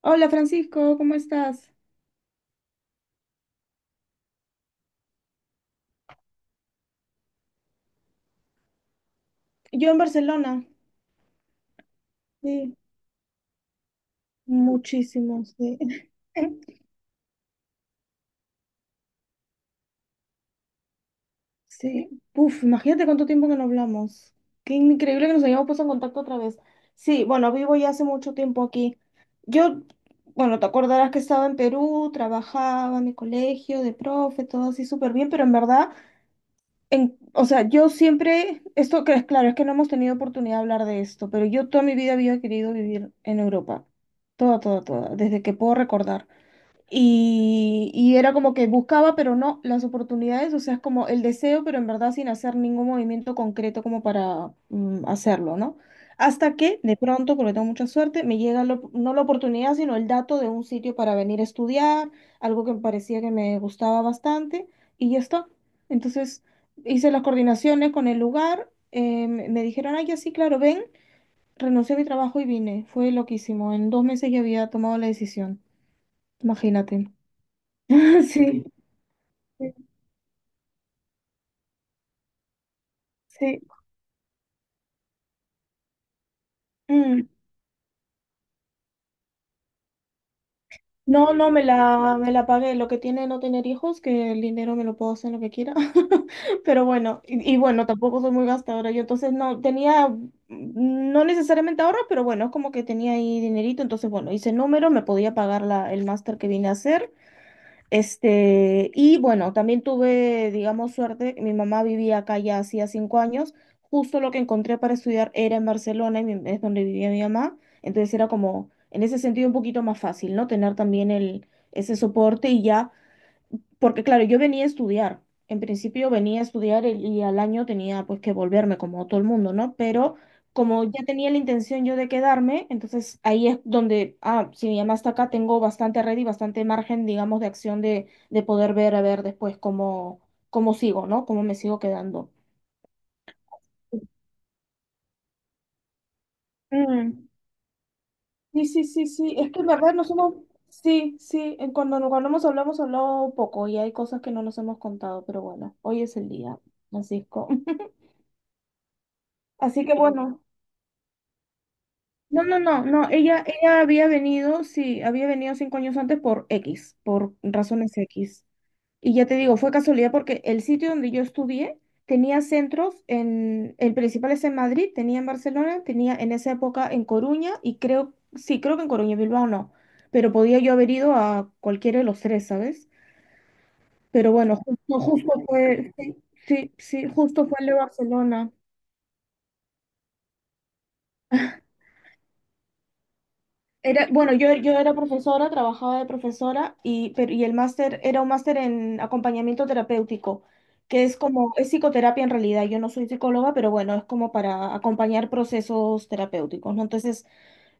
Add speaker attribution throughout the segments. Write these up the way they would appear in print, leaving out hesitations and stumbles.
Speaker 1: Hola Francisco, ¿cómo estás? Yo en Barcelona, sí, muchísimo, sí. Sí, uf, imagínate cuánto tiempo que no hablamos. Qué increíble que nos hayamos puesto en contacto otra vez. Sí, bueno, vivo ya hace mucho tiempo aquí. Yo, bueno, te acordarás que estaba en Perú, trabajaba en mi colegio de profe, todo así súper bien, pero en verdad o sea, yo siempre, esto que es claro, es que no hemos tenido oportunidad de hablar de esto, pero yo toda mi vida había querido vivir en Europa, toda, toda, toda, desde que puedo recordar. Y era como que buscaba, pero no las oportunidades, o sea, es como el deseo, pero en verdad sin hacer ningún movimiento concreto como para hacerlo, ¿no? Hasta que de pronto, porque tengo mucha suerte, me llega no la oportunidad, sino el dato de un sitio para venir a estudiar, algo que me parecía que me gustaba bastante, y ya está. Entonces hice las coordinaciones con el lugar, me dijeron, ay, ya sí, claro, ven, renuncié a mi trabajo y vine. Fue loquísimo, en 2 meses ya había tomado la decisión, imagínate. Sí, sí. Sí. Mm. No, no, me la pagué. Lo que tiene no tener hijos, que el dinero me lo puedo hacer lo que quiera. Pero bueno, y bueno, tampoco soy muy gastadora. Yo entonces no tenía, no necesariamente ahorro, pero bueno, es como que tenía ahí dinerito. Entonces, bueno, hice número, me podía pagar el máster que vine a hacer. Y bueno, también tuve, digamos, suerte. Mi mamá vivía acá ya hacía 5 años. Justo lo que encontré para estudiar era en Barcelona, es donde vivía mi mamá. Entonces era como, en ese sentido, un poquito más fácil, ¿no? Tener también ese soporte y ya porque claro, yo venía a estudiar. En principio venía a estudiar y al año tenía pues que volverme como todo el mundo, ¿no? Pero como ya tenía la intención yo de quedarme, entonces ahí es donde, ah, si mi mamá está acá, tengo bastante red y bastante margen, digamos, de acción de poder ver a ver después cómo sigo, ¿no? Cómo me sigo quedando. Mm. Sí, sí, sí, sí. Es que en verdad nos hemos, sí, sí, cuando hemos hablado poco y hay cosas que no nos hemos contado, pero bueno, hoy es el día, Francisco. Así que bueno, no, no, no, no, ella había venido, sí, había venido 5 años antes por X, por razones X. Y ya te digo, fue casualidad porque el sitio donde yo estudié tenía centros el principal es en Madrid, tenía en Barcelona, tenía en esa época en Coruña y creo, sí, creo que en Coruña, Bilbao no, pero podía yo haber ido a cualquiera de los tres, ¿sabes? Pero bueno, justo fue, sí, sí, sí, justo fue el de Barcelona. Era, bueno, yo era profesora, trabajaba de profesora y el máster era un máster en acompañamiento terapéutico, que es como, es psicoterapia en realidad. Yo no soy psicóloga, pero bueno, es como para acompañar procesos terapéuticos, ¿no? Entonces,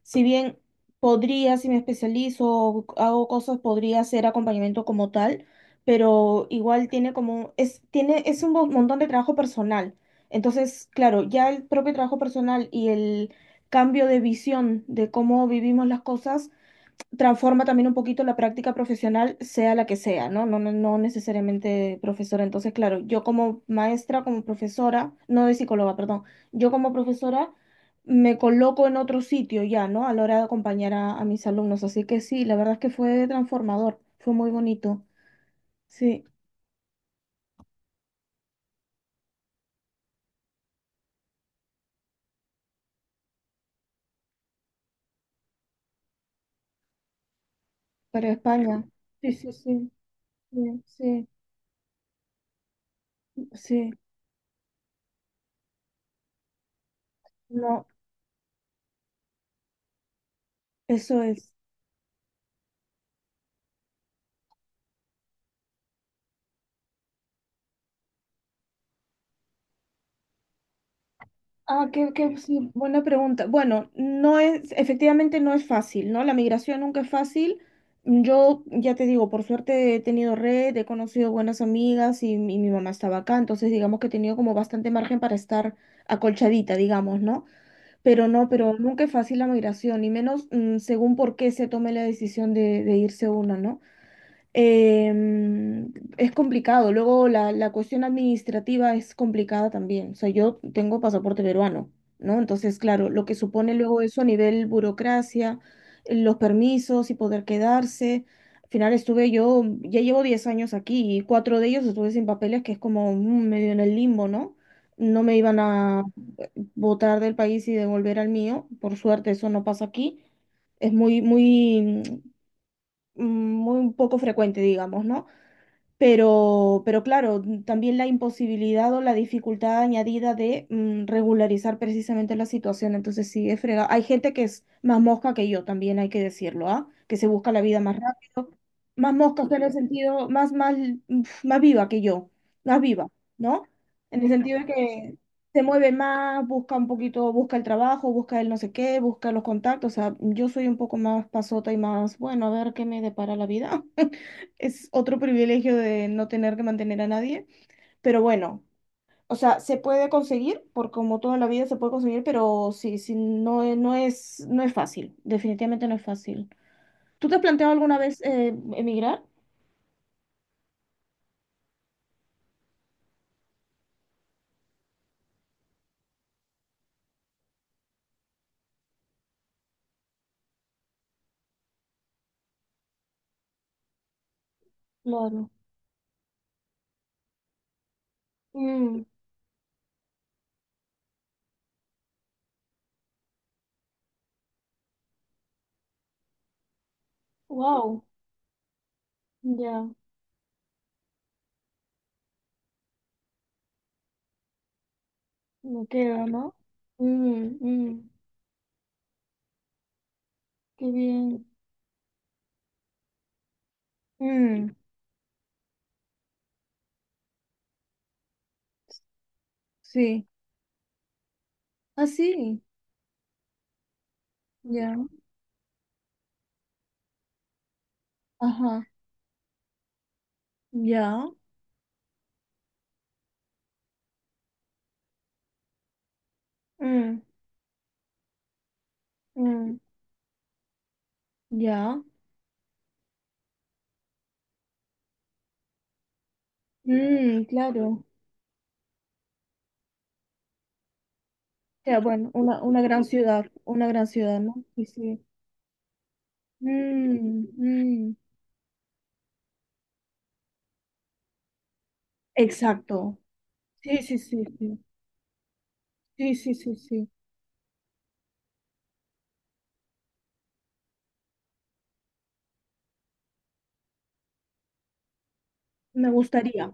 Speaker 1: si bien podría, si me especializo o hago cosas, podría hacer acompañamiento como tal, pero igual tiene como, es un montón de trabajo personal. Entonces, claro, ya el propio trabajo personal y el cambio de visión de cómo vivimos las cosas transforma también un poquito la práctica profesional, sea la que sea, ¿no? No, no, no necesariamente profesora. Entonces, claro, yo como maestra, como profesora, no de psicóloga, perdón, yo como profesora me coloco en otro sitio ya, ¿no? A la hora de acompañar a mis alumnos. Así que sí, la verdad es que fue transformador, fue muy bonito. Sí, para España. Sí, sí, sí, sí, sí, sí. No, eso es. Ah, sí, buena pregunta. Bueno, efectivamente no es fácil, ¿no? La migración nunca es fácil. Yo, ya te digo, por suerte he tenido red, he conocido buenas amigas y, mi mamá estaba acá, entonces digamos que he tenido como bastante margen para estar acolchadita, digamos, ¿no? Pero no, pero nunca es fácil la migración, y menos según por qué se tome la decisión de irse uno, ¿no? Es complicado. Luego la cuestión administrativa es complicada también. O sea, yo tengo pasaporte peruano, ¿no? Entonces, claro, lo que supone luego eso a nivel burocracia, los permisos y poder quedarse. Al final estuve yo, ya llevo 10 años aquí y cuatro de ellos estuve sin papeles, que es como medio en el limbo, ¿no? No me iban a votar del país y devolver al mío. Por suerte eso no pasa aquí. Es muy, muy, mm, muy poco frecuente, digamos, ¿no? Pero claro, también la imposibilidad o la dificultad añadida de regularizar precisamente la situación. Entonces sí, es fregado. Hay gente que es más mosca que yo, también hay que decirlo, ¿ah? Que se busca la vida más rápido. Más mosca o sea, en el sentido, más viva que yo, más viva, ¿no? En el sentido de que se mueve más, busca un poquito, busca el trabajo, busca el no sé qué, busca los contactos. O sea, yo soy un poco más pasota y más, bueno, a ver qué me depara la vida. Es otro privilegio de no tener que mantener a nadie, pero bueno, o sea, se puede conseguir, por como toda la vida se puede conseguir, pero sí, sí, no, no es fácil, definitivamente no es fácil. ¿Tú te has planteado alguna vez emigrar? Claro. Mm, wow, ya, me queda, ¿no? Mm, mm. Qué bien. Mm, sí. Ah, sí, ya, ajá, ya, mm, mm, ya, mm, claro. Sea bueno, una gran ciudad, ¿no? Sí, sí. Mm, mm, exacto. Sí, sí, sí, sí. Sí, sí, sí, sí. Me gustaría.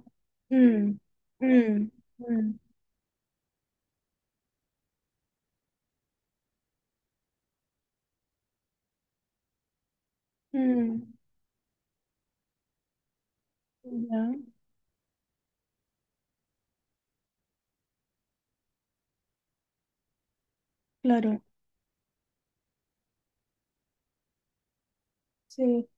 Speaker 1: Mm, mm, mm, mm. Ya, claro. Sí.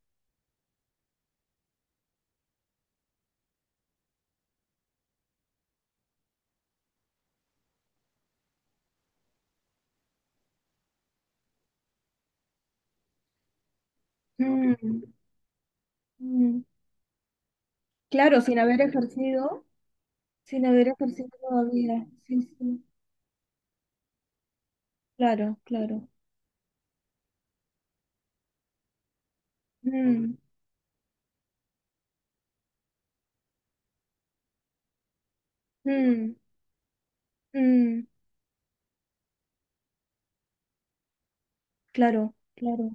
Speaker 1: Mm, mm. Claro, sin haber ejercido todavía. Sí, sí. Claro, claro. Mm, mm, mm. Claro, claro.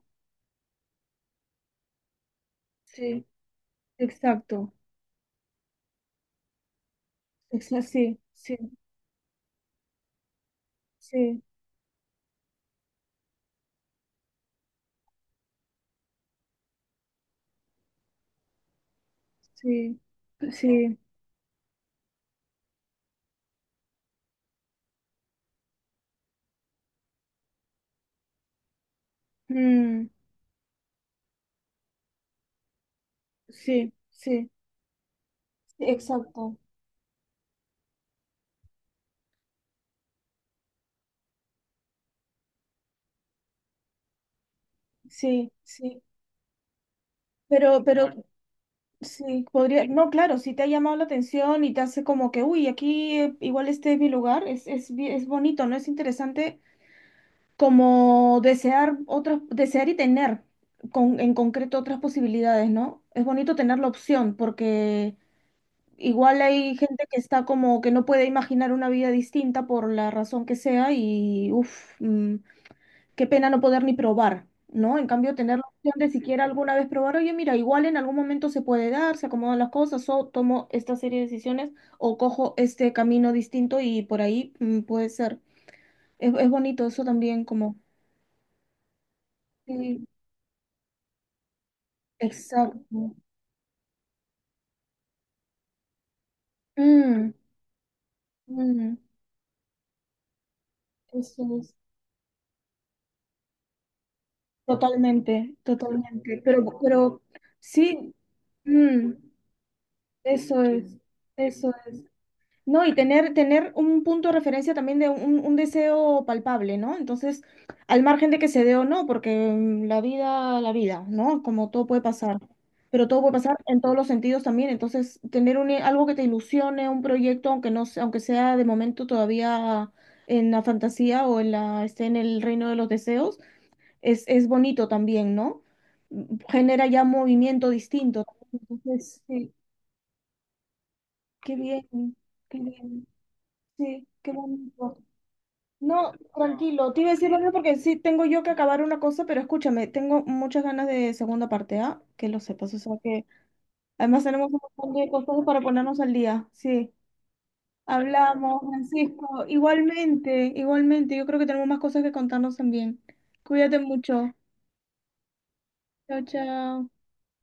Speaker 1: Sí, exacto. Sí, sí. Sí, sí, sí, mm, sí, sí, exacto, sí, sí, pero Vale. Sí, podría, no, claro, si te ha llamado la atención y te hace como que, uy, aquí igual este es mi lugar, es bonito, ¿no? Es interesante como desear otras, desear y tener en concreto otras posibilidades, ¿no? Es bonito tener la opción porque igual hay gente que está como que no puede imaginar una vida distinta por la razón que sea y, uff qué pena no poder ni probar, ¿no? En cambio, tener la opción de siquiera alguna vez probar, oye, mira, igual en algún momento se puede dar, se acomodan las cosas, o tomo esta serie de decisiones, o cojo este camino distinto y por ahí puede ser. Es bonito eso también, como... Sí, exacto. Mm, mm, eso es. Totalmente, totalmente. Pero sí, mm, eso es, eso es. No, y tener un punto de referencia también de un deseo palpable, ¿no? Entonces, al margen de que se dé o no, porque la vida, ¿no? Como todo puede pasar, pero todo puede pasar en todos los sentidos también. Entonces, algo que te ilusione, un proyecto, aunque no, sea- aunque sea de momento todavía en la fantasía o en esté en el reino de los deseos, es bonito también, ¿no? Genera ya un movimiento distinto. Entonces, sí, qué bien, qué bien, sí, qué bonito. No, tranquilo, te iba a decir lo mismo porque sí tengo yo que acabar una cosa, pero escúchame, tengo muchas ganas de segunda parte, ¿ah? Que lo sepas, o sea que además tenemos un montón de cosas para ponernos al día, sí. Hablamos, Francisco, igualmente, igualmente, yo creo que tenemos más cosas que contarnos también. Cuídate mucho. Chao, chao.